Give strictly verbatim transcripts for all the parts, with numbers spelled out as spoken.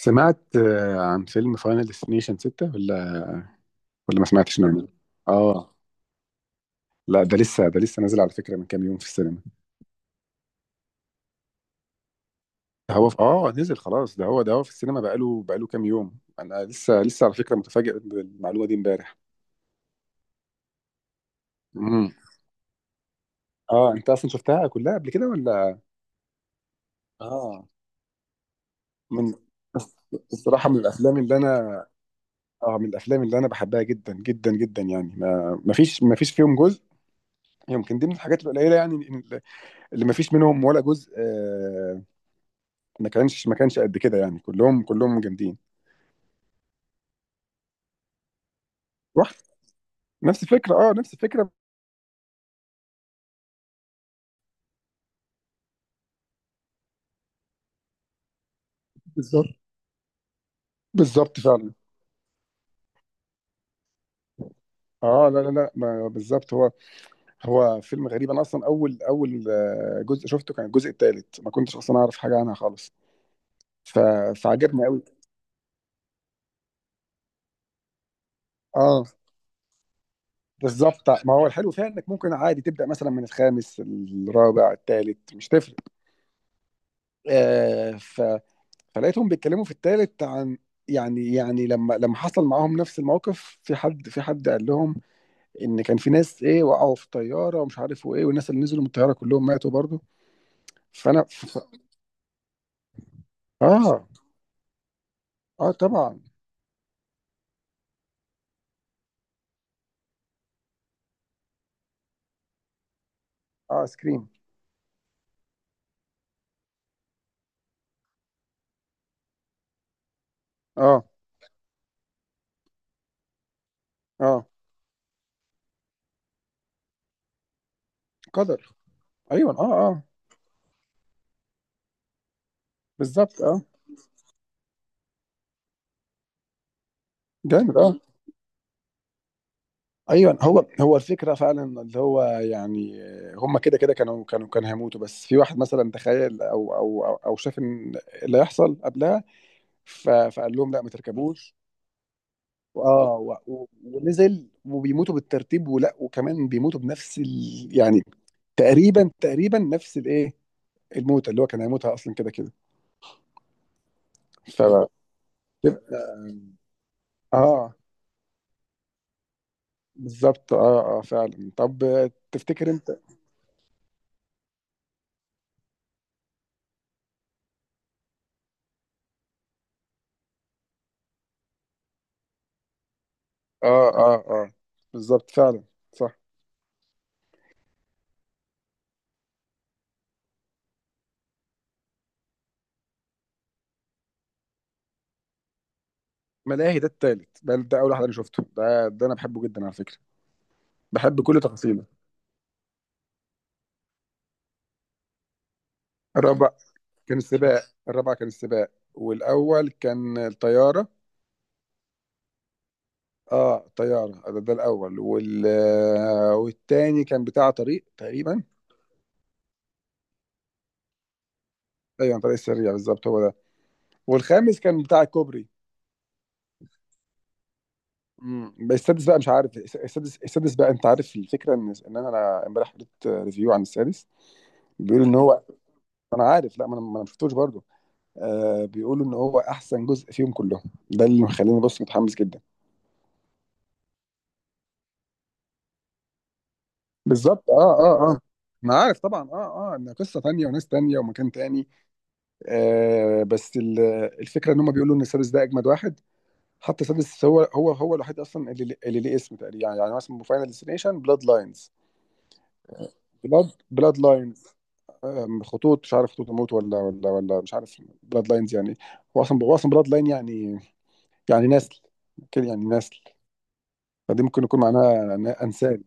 سمعت آه، عن فيلم فاينل ديستنيشن ستة ولا ولا ما سمعتش منه؟ اه، لا ده لسه ده لسه نازل على فكرة من كام يوم في السينما. ده هو في... اه نزل خلاص، ده هو ده هو في السينما بقاله بقاله كام يوم. انا لسه لسه على فكرة متفاجئ بالمعلومة دي امبارح. امم. اه، انت اصلا شفتها كلها قبل كده ولا؟ اه، من بس- الصراحة من الافلام اللي انا، اه، من الافلام اللي انا بحبها جدا جدا جدا. يعني ما ما فيش ما فيش فيهم جزء، يمكن دي من الحاجات القليلة، يعني اللي ما فيش منهم ولا جزء، آه، ما كانش ما كانش قد كده. يعني كلهم كلهم جامدين. رحت نفس الفكره، اه، نفس الفكره. بالظبط، بالظبط فعلا. اه، لا لا لا، ما بالظبط، هو هو فيلم غريب. انا اصلا اول اول آه، جزء شفته كان الجزء الثالث، ما كنتش اصلا اعرف حاجه عنها خالص. ف... فعجبني قوي. اه، بالظبط. ما هو الحلو فيها انك ممكن عادي تبدا مثلا من الخامس، الرابع، الثالث، مش تفرق. آه ف... فلقيتهم بيتكلموا في الثالث عن، يعني، يعني لما لما حصل معاهم نفس الموقف، في حد في حد قال لهم ان كان في ناس، ايه، وقعوا في الطياره ومش عارف وايه، والناس اللي نزلوا من الطياره كلهم ماتوا برضو. فانا ف... اه، اه طبعا. اه سكريم. اه، اه، قدر. ايوه، اه، اه، بالظبط، اه. جامد، اه. ايوه، هو هو الفكره فعلا، اللي هو يعني هم كده كده كانوا كانوا كانوا هيموتوا. بس في واحد مثلا تخيل، او او او, أو شاف ان اللي هيحصل قبلها، ف- فقال لهم لا ما تركبوش. اه، و- و- ونزل وبيموتوا بالترتيب، ولا وكمان بيموتوا بنفس ال... يعني تقريبا، تقريبا نفس الايه الموتة اللي هو كان هيموتها اصلا كده كده. ف اه، بالظبط، اه اه فعلا. طب، تفتكر انت؟ اه اه اه، بالظبط فعلا، صح. ملاهي ده التالت ده, ده اول واحد انا شفته. ده ده انا بحبه جدا على فكرة، بحب كل تفاصيله. الرابع كان السباق، الرابع كان السباق، والاول كان الطيارة. اه، طيارة ده, ده الأول، وال... آه، والتاني كان بتاع طريق تقريبا. أيوة، طريق السريع بالظبط هو ده. والخامس كان بتاع الكوبري. امم. بس السادس بقى مش عارف، الس- السادس، السادس بقى. أنت عارف الفكرة إن إن أنا أنا امبارح قريت ريفيو عن السادس؟ بيقولوا إن هو، أنا عارف، لا ما أنا ما أنا ما شفتوش برضه. آه، بيقولوا إن هو أحسن جزء فيهم كلهم. ده اللي مخليني بص متحمس جدا. بالظبط اه اه اه. ما عارف طبعا، اه اه، إن قصة تانية وناس تانية ومكان تاني. آه بس ال- الفكره ان هم بيقولوا ان سادس ده اجمد واحد. حتى سادس هو هو هو الوحيد اصلا اللي اللي ليه اسم تقريبا. يعني يعني هو اسمه فاينل ديستنيشن بلاد لاينز. بلاد بلاد لاينز. خطوط، مش عارف خطوط الموت، ولا ولا ولا مش عارف. بلاد لاينز يعني، هو اصلا، هو اصلا بلاد لاين يعني، يعني نسل كده، يعني نسل. فدي ممكن يكون معناها ن- انسان.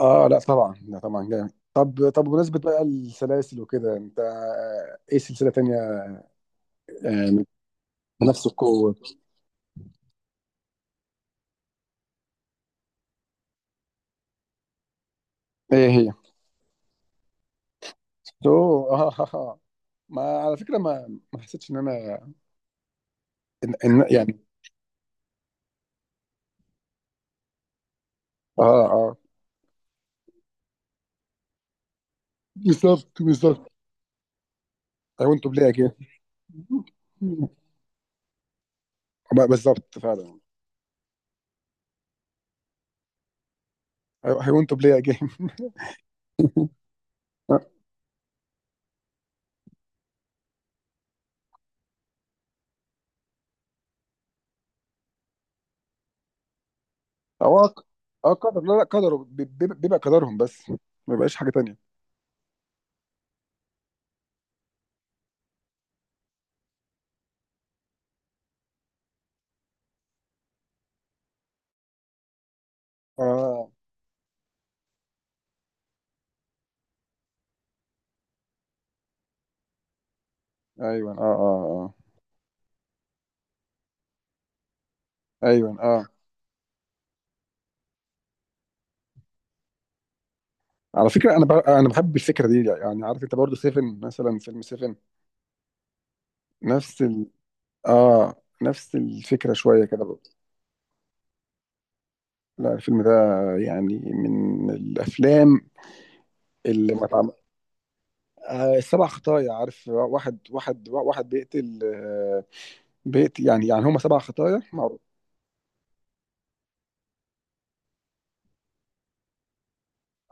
اه لا طبعا، لا طبعا جامد. طب، طب بمناسبة بقى السلاسل وكده، انت، آه، ايه سلسلة تانية؟ آه، بنفس القوة. ايه هي؟ تو. اه، آه، آه. ما على فكره، ما ما حسيتش ان انا إن إن يعني. اه اه بالظبط بالظبط. I want to play a game. ب- بالظبط فعلا. I I want to play a game هو، اه قدر، لا لا، قدره، بي- بي- بيبقى قدرهم، بس ما بيبقاش حاجه تانية. اه ايوه اه اه اه ايوه اه. على فكره، انا بح- انا بحب الفكره دي. يعني عارف انت برضو سيفن، مثلا فيلم سيفن. نفس ال، اه، نفس الفكره شويه كده. لا، الفيلم ده يعني من الافلام اللي ما تعمل... آه، السبع خطايا. عارف، واحد واحد واحد بيقتل، آه، بيقتل يعني. يعني هم سبع خطايا معروف.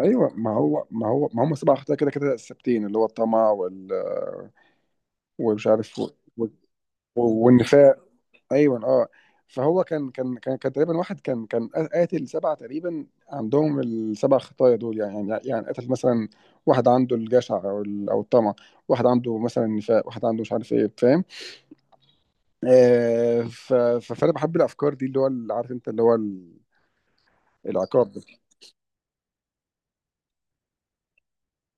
ايوه، ما هو ما هو ما هم سبع خطايا كده كده ثابتين، اللي هو الطمع، وال، آه، ومش عارف و... و... والنفاق. ايوه اه. فهو كان كان كان, كان تقريبا، واحد كان كان قاتل سبعه تقريبا، عندهم السبع خطايا دول. يعني يعني يعني قتل مثلا واحد عنده الجشع، او ال- او الطمع، واحد عنده مثلا النفاق، واحد عنده مش عارف ايه، فاهم؟ آه ف- ف- فانا بحب الافكار دي، اللي هو ال- عارف انت اللي هو ال- العقاب ده.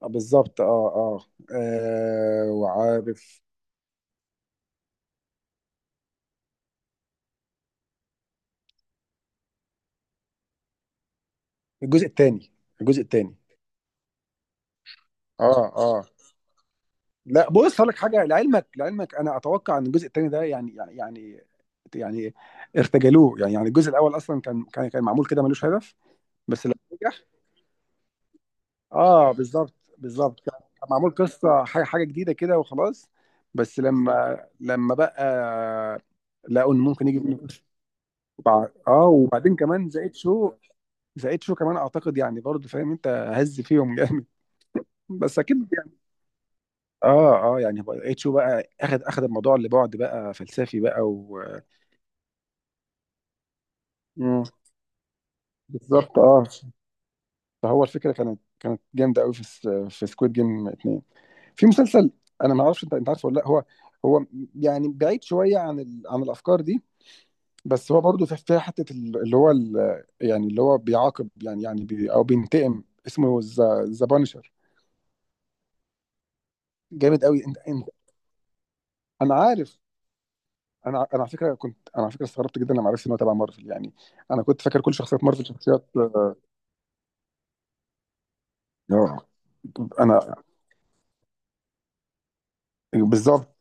آه، بالظبط اه اه. آه، وعارف، الجزء الثاني، الجزء الثاني، اه اه. لا بص هقول لك حاجه، لعلمك، لعلمك انا اتوقع ان الجزء الثاني ده يعني يعني يعني يعني ارتجلوه. يعني يعني الجزء الاول اصلا كان كان كان معمول كده ملوش هدف، بس لما نجح. اه بالظبط بالظبط. كان كان معمول قصه، حاجه، حاجه جديده كده وخلاص. بس لما لما بقى لقوا ان ممكن يجي منه قرش. وبع- اه وبعدين كمان زائد شو، زائد شو كمان اعتقد، يعني برضه فاهم انت، هز فيهم جامد بس اكيد. اه اه، يعني بقى- اتشو بقى، اخد اخد الموضوع لبعد بقى فلسفي بقى و... مم. بالظبط اه. فهو الفكره كانت كانت جامده قوي في س- في سكويد جيم اتنين. في مسلسل، انا ما اعرفش انت، انت عارفه ولا لا؟ هو، هو يعني بعيد شويه عن ال... عن الافكار دي. بس هو برضه في في حته ال- اللي هو ال... يعني اللي هو بيعاقب، يعني يعني بي... او بينتقم. اسمه ذا بانشر. جامد قوي انت انت، انا عارف. انا انا على فكره كنت، انا على فكره استغربت جدا لما عرفت ان هو تبع مارفل. يعني انا كنت فاكر كل شخصيات مارفل شخصيات، آه، انا، بالظبط،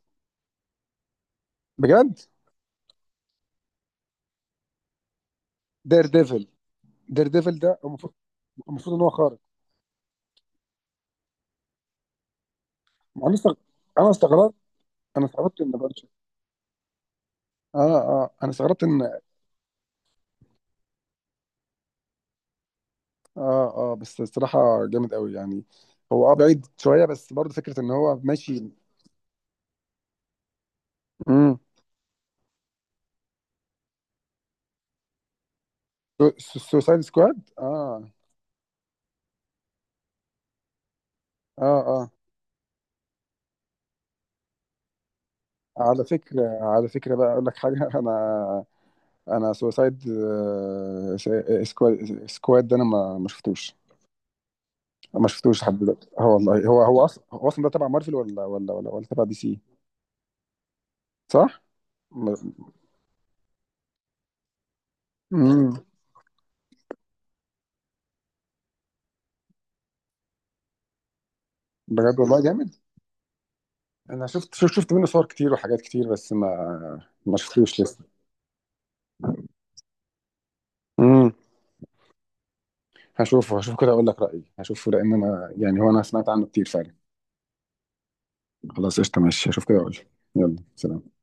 بجد. دير ديفل، دير ديفل ده المفروض، المفروض ان هو خارق. ما انا استغ- انا استغربت، انا استغربت ان بانش، اه اه، انا استغربت ان، اه اه. بس الصراحه جامد قوي يعني. هو اه بعيد شويه بس برضه فكره ان هو ماشي. امم. سوسايد سكواد، اه اه اه. على فكره، على فكره بقى اقول لك حاجه انا، انا سوسايد، سكواد سكواد ده انا ما ما شفتوش. ما شفتوش لحد دلوقتي. اه والله، هو هو اصلا، هو اصلا ده تبع مارفل، ولا ولا ولا ولا تبع دي سي؟ صح؟ م- امم. بجد والله جامد. انا شفت شفت شفت منه صور كتير وحاجات كتير، بس ما، ما شفتوش لسه. امم. هشوفه، هشوف كده اقول لك رايي. هشوفه لان انا، يعني هو، انا سمعت عنه كتير فعلا. خلاص قشطه، ماشي، هشوف كده اقول لك. يلا سلام.